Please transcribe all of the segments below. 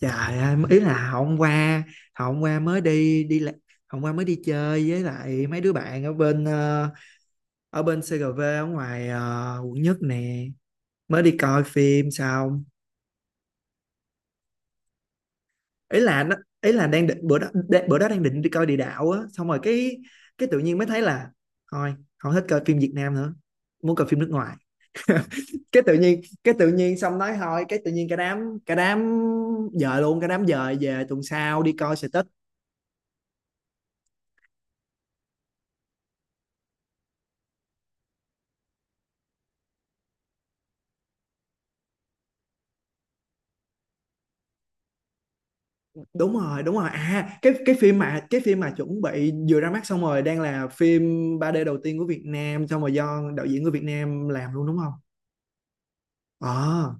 Trời ơi, ý là hôm qua mới đi đi la- hôm qua mới đi chơi với lại mấy đứa bạn ở bên ở bên CGV ở ngoài quận nhất nè, mới đi coi phim xong. Ý là nó ý là đang định bữa đó đang định đi coi địa đạo á, xong rồi cái tự nhiên mới thấy là thôi, không thích coi phim Việt Nam nữa, muốn coi phim nước ngoài. Cái tự nhiên xong nói thôi, cái tự nhiên cả đám dời luôn, cả đám dời về tuần sau đi coi sự. Đúng rồi, đúng rồi, à cái phim mà chuẩn bị vừa ra mắt xong rồi đang là phim 3D đầu tiên của Việt Nam, xong rồi do đạo diễn người Việt Nam làm luôn, đúng không? ờ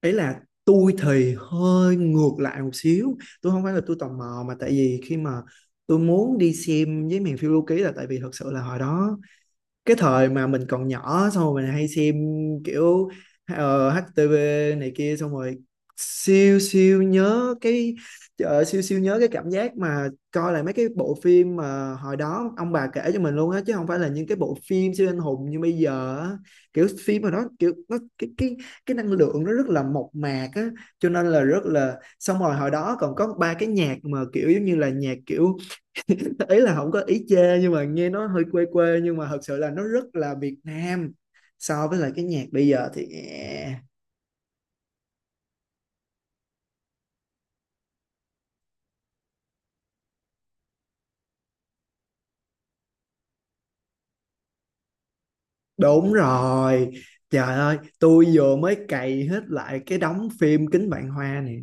Ấy là tôi thì hơi ngược lại một xíu, tôi không phải là tôi tò mò, mà tại vì khi mà tôi muốn đi xem với miền phiêu lưu ký là tại vì thật sự là hồi đó cái thời mà mình còn nhỏ xong rồi mình hay xem kiểu HTV này kia, xong rồi siêu siêu nhớ cái siêu siêu nhớ cái cảm giác mà coi lại mấy cái bộ phim mà hồi đó ông bà kể cho mình luôn á, chứ không phải là những cái bộ phim siêu anh hùng như bây giờ á. Kiểu phim mà nó kiểu nó cái năng lượng nó rất là mộc mạc á, cho nên là rất là, xong rồi hồi đó còn có ba cái nhạc mà kiểu giống như là nhạc kiểu ý là không có ý chê nhưng mà nghe nó hơi quê quê, nhưng mà thật sự là nó rất là Việt Nam so với lại cái nhạc bây giờ thì đúng rồi. Trời ơi, tôi vừa mới cày hết lại cái đống phim Kính Vạn Hoa này.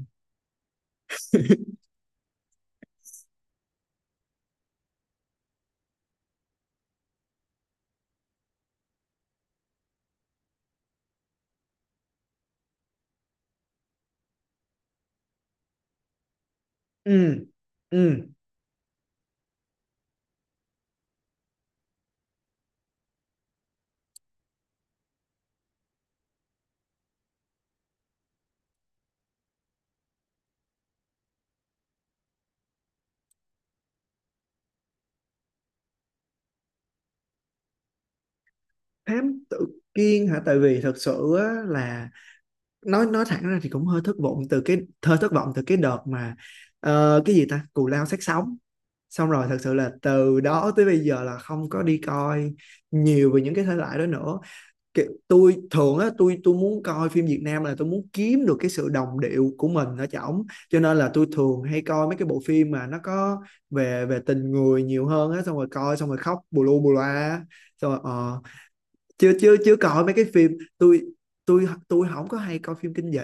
Ừ, ừ, thám tử Kiên hả? Tại vì thật sự á, là nói thẳng ra thì cũng hơi thất vọng từ cái, hơi thất vọng từ cái đợt mà cái gì ta, cù lao xác sống, xong rồi thật sự là từ đó tới bây giờ là không có đi coi nhiều về những cái thể loại đó nữa. Kiểu tôi thường á, tôi muốn coi phim Việt Nam là tôi muốn kiếm được cái sự đồng điệu của mình ở trỏng, cho nên là tôi thường hay coi mấy cái bộ phim mà nó có về về tình người nhiều hơn á, xong rồi coi xong rồi khóc bù lu bù loa, xong rồi chưa chưa chưa coi mấy cái phim. tôi tôi không có hay coi phim kinh dị,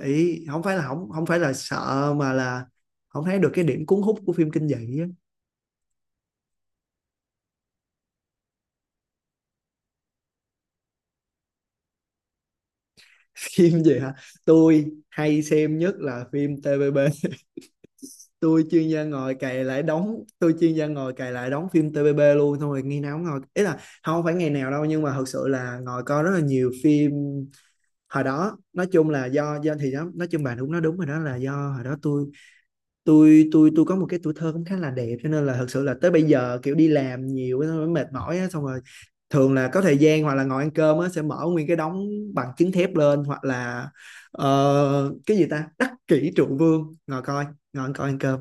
không phải là không không phải là sợ mà là không thấy được cái điểm cuốn hút của phim kinh dị á. Phim gì hả? Tôi hay xem nhất là phim TVB. Tôi chuyên gia ngồi cày lại đóng phim TVB luôn, xong rồi ngày nào cũng ngồi, ý là không phải ngày nào đâu, nhưng mà thật sự là ngồi coi rất là nhiều phim hồi đó. Nói chung là do thì đó, nói chung bạn đúng, nó đúng rồi, đó là do hồi đó tôi có một cái tuổi thơ cũng khá là đẹp, cho nên là thật sự là tới bây giờ kiểu đi làm nhiều á, xong rồi mệt mỏi á, xong rồi thường là có thời gian hoặc là ngồi ăn cơm á, sẽ mở nguyên cái đống bằng chứng thép lên, hoặc là cái gì ta, đắc kỷ trụ vương, ngồi coi ngồi ăn coi ăn cơm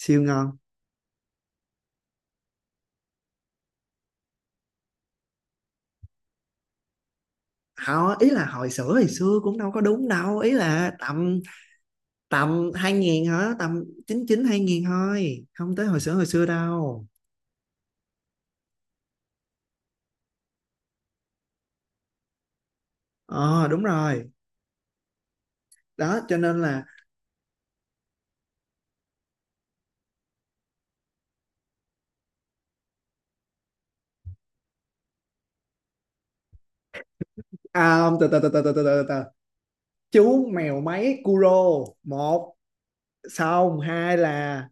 siêu ngon. Họ ý là hồi xưa cũng đâu có đúng đâu, ý là tầm tầm 2000 hả, tầm 99 2000 thôi, không tới hồi xưa đâu. Ờ Đúng rồi đó, cho nên là à, không, từ từ từ từ từ từ từ từ. Chú mèo máy Kuro một, xong hai là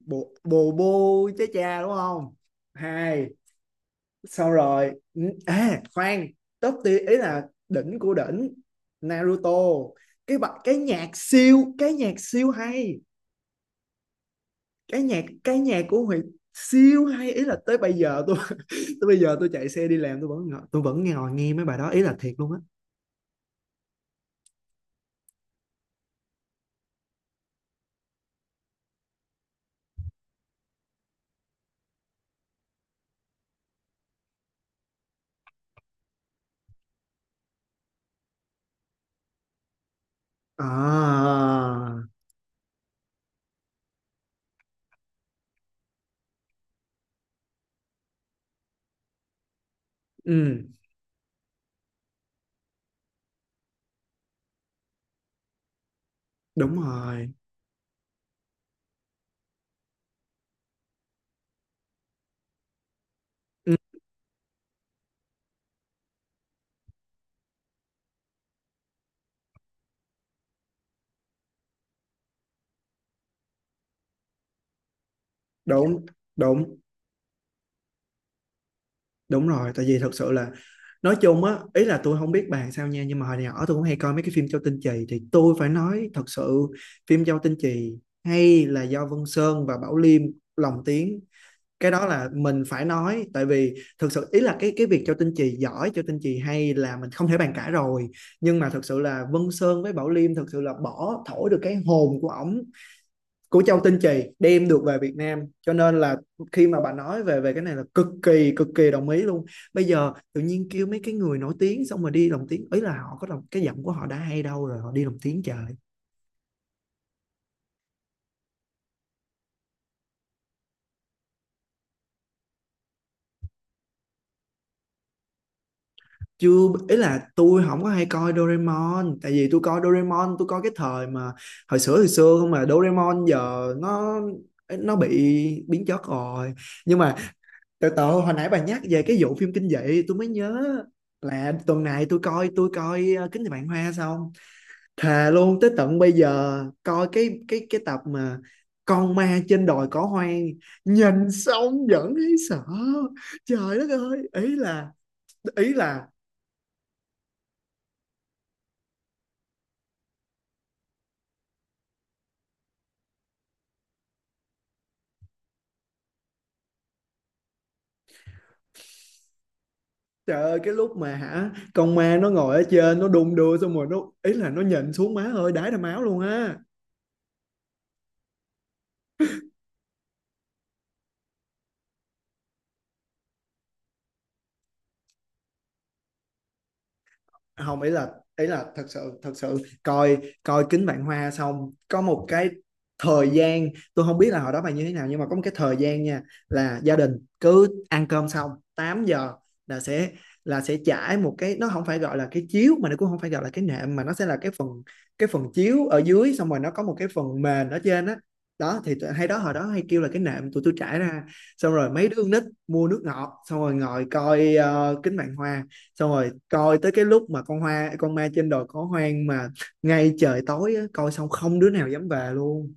bồ bồ bô chế cha đúng không, hai, xong rồi à khoan, top tier ý là đỉnh của đỉnh, Naruto. Cái nhạc siêu hay, cái nhạc của Huy siêu hay, ý là tới bây giờ tôi tới bây giờ tôi chạy xe đi làm tôi vẫn ngồi nghe mấy bài đó, ý là thiệt luôn á. À, ừ đúng rồi, ừ, đúng đúng đúng rồi, tại vì thật sự là nói chung á, ý là tôi không biết bàn sao nha, nhưng mà hồi nhỏ tôi cũng hay coi mấy cái phim Châu Tinh Trì, thì tôi phải nói thật sự phim Châu Tinh Trì hay là do Vân Sơn và Bảo Liêm lồng tiếng. Cái đó là mình phải nói, tại vì thực sự ý là cái việc Châu Tinh Trì giỏi, Châu Tinh Trì hay là mình không thể bàn cãi rồi, nhưng mà thật sự là Vân Sơn với Bảo Liêm thật sự là bỏ thổi được cái hồn của ổng, của Châu Tinh Trì, đem được về Việt Nam, cho nên là khi mà bà nói về về cái này là cực kỳ đồng ý luôn. Bây giờ tự nhiên kêu mấy cái người nổi tiếng xong rồi đi lồng tiếng, ý là họ có đồng cái giọng của họ đã hay đâu, rồi họ đi lồng tiếng trời. Chưa, ý là tôi không có hay coi Doraemon, tại vì tôi coi Doraemon tôi coi cái thời mà hồi xưa hồi xưa, không mà Doraemon giờ nó bị biến chất rồi, nhưng mà từ từ, hồi nãy bà nhắc về cái vụ phim kinh dị tôi mới nhớ là tuần này tôi coi, tôi coi Kính Thì Bạn Hoa xong, thề luôn tới tận bây giờ coi cái tập mà con ma trên đồi cỏ hoang, nhìn xong vẫn thấy sợ. Trời đất ơi, ý là trời ơi, cái lúc mà hả, con ma nó ngồi ở trên nó đung đưa xong rồi nó, ý là nó nhìn xuống, má ơi đái ra máu luôn á. Không, ý là thật sự, coi coi Kính Vạn Hoa xong có một cái thời gian, tôi không biết là hồi đó bạn như thế nào, nhưng mà có một cái thời gian nha, là gia đình cứ ăn cơm xong 8 giờ là sẽ, trải một cái, nó không phải gọi là cái chiếu mà nó cũng không phải gọi là cái nệm, mà nó sẽ là cái phần chiếu ở dưới xong rồi nó có một cái phần mền ở trên á. Đó, đó thì hay đó, hồi đó hay kêu là cái nệm, tụi tôi trải ra xong rồi mấy đứa con nít mua nước ngọt xong rồi ngồi coi kính vạn hoa, xong rồi coi tới cái lúc mà con ma trên đồi có hoang mà ngay trời tối á, coi xong không đứa nào dám về luôn.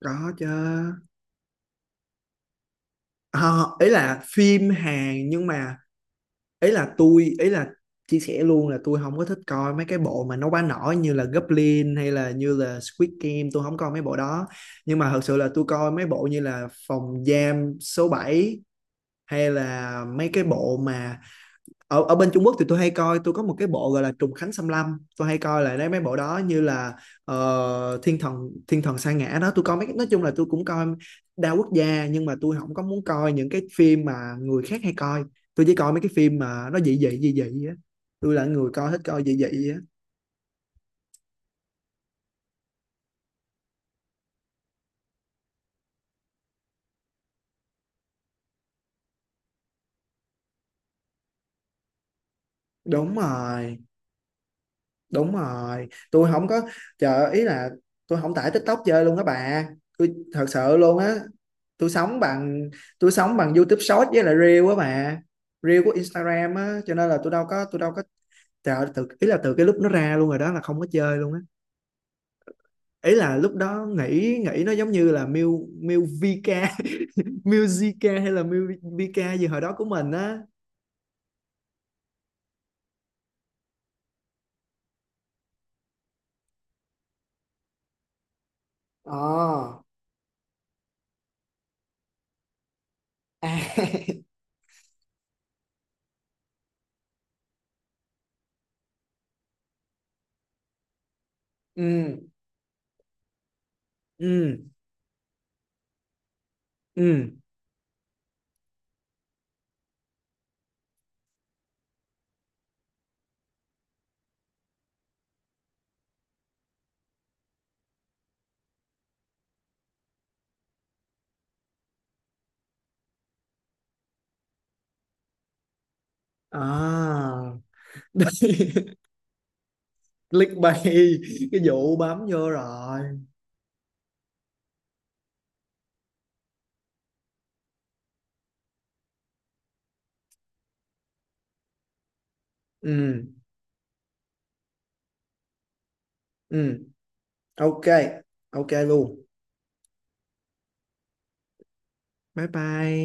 Có chứ. À, ý là phim Hàn, nhưng mà ý là tôi ý là chia sẻ luôn là tôi không có thích coi mấy cái bộ mà nó quá nổi như là Goblin hay là như là Squid Game, tôi không coi mấy bộ đó. Nhưng mà thật sự là tôi coi mấy bộ như là Phòng giam số bảy, hay là mấy cái bộ mà ở ở bên Trung Quốc thì tôi hay coi, tôi có một cái bộ gọi là Trùng Khánh Xâm Lâm tôi hay coi lại, đấy mấy bộ đó, như là Thiên Thần Sa Ngã đó, tôi coi mấy, nói chung là tôi cũng coi đa quốc gia, nhưng mà tôi không có muốn coi những cái phim mà người khác hay coi, tôi chỉ coi mấy cái phim mà nó dị dị dị dị á, tôi là người coi thích coi dị dị á. Đúng rồi, đúng rồi, tôi không có chờ ý là tôi không tải TikTok chơi luôn đó bà, tôi thật sự luôn á. tôi sống bằng tôi sống bằng YouTube Short với lại Reel á bà, Reel của Instagram á, cho nên là tôi đâu có chờ từ ý là từ cái lúc nó ra luôn rồi đó là không có chơi luôn á. Ý là lúc đó nghĩ nghĩ nó giống như là Miu Miu VK Musica hay là Miu VK gì hồi đó của mình á. Ờ, à. Ừ, ừ, ừ, à. Click bay, cái vụ bấm vô rồi. Ừ, ừ, ok, ok luôn, bye bye.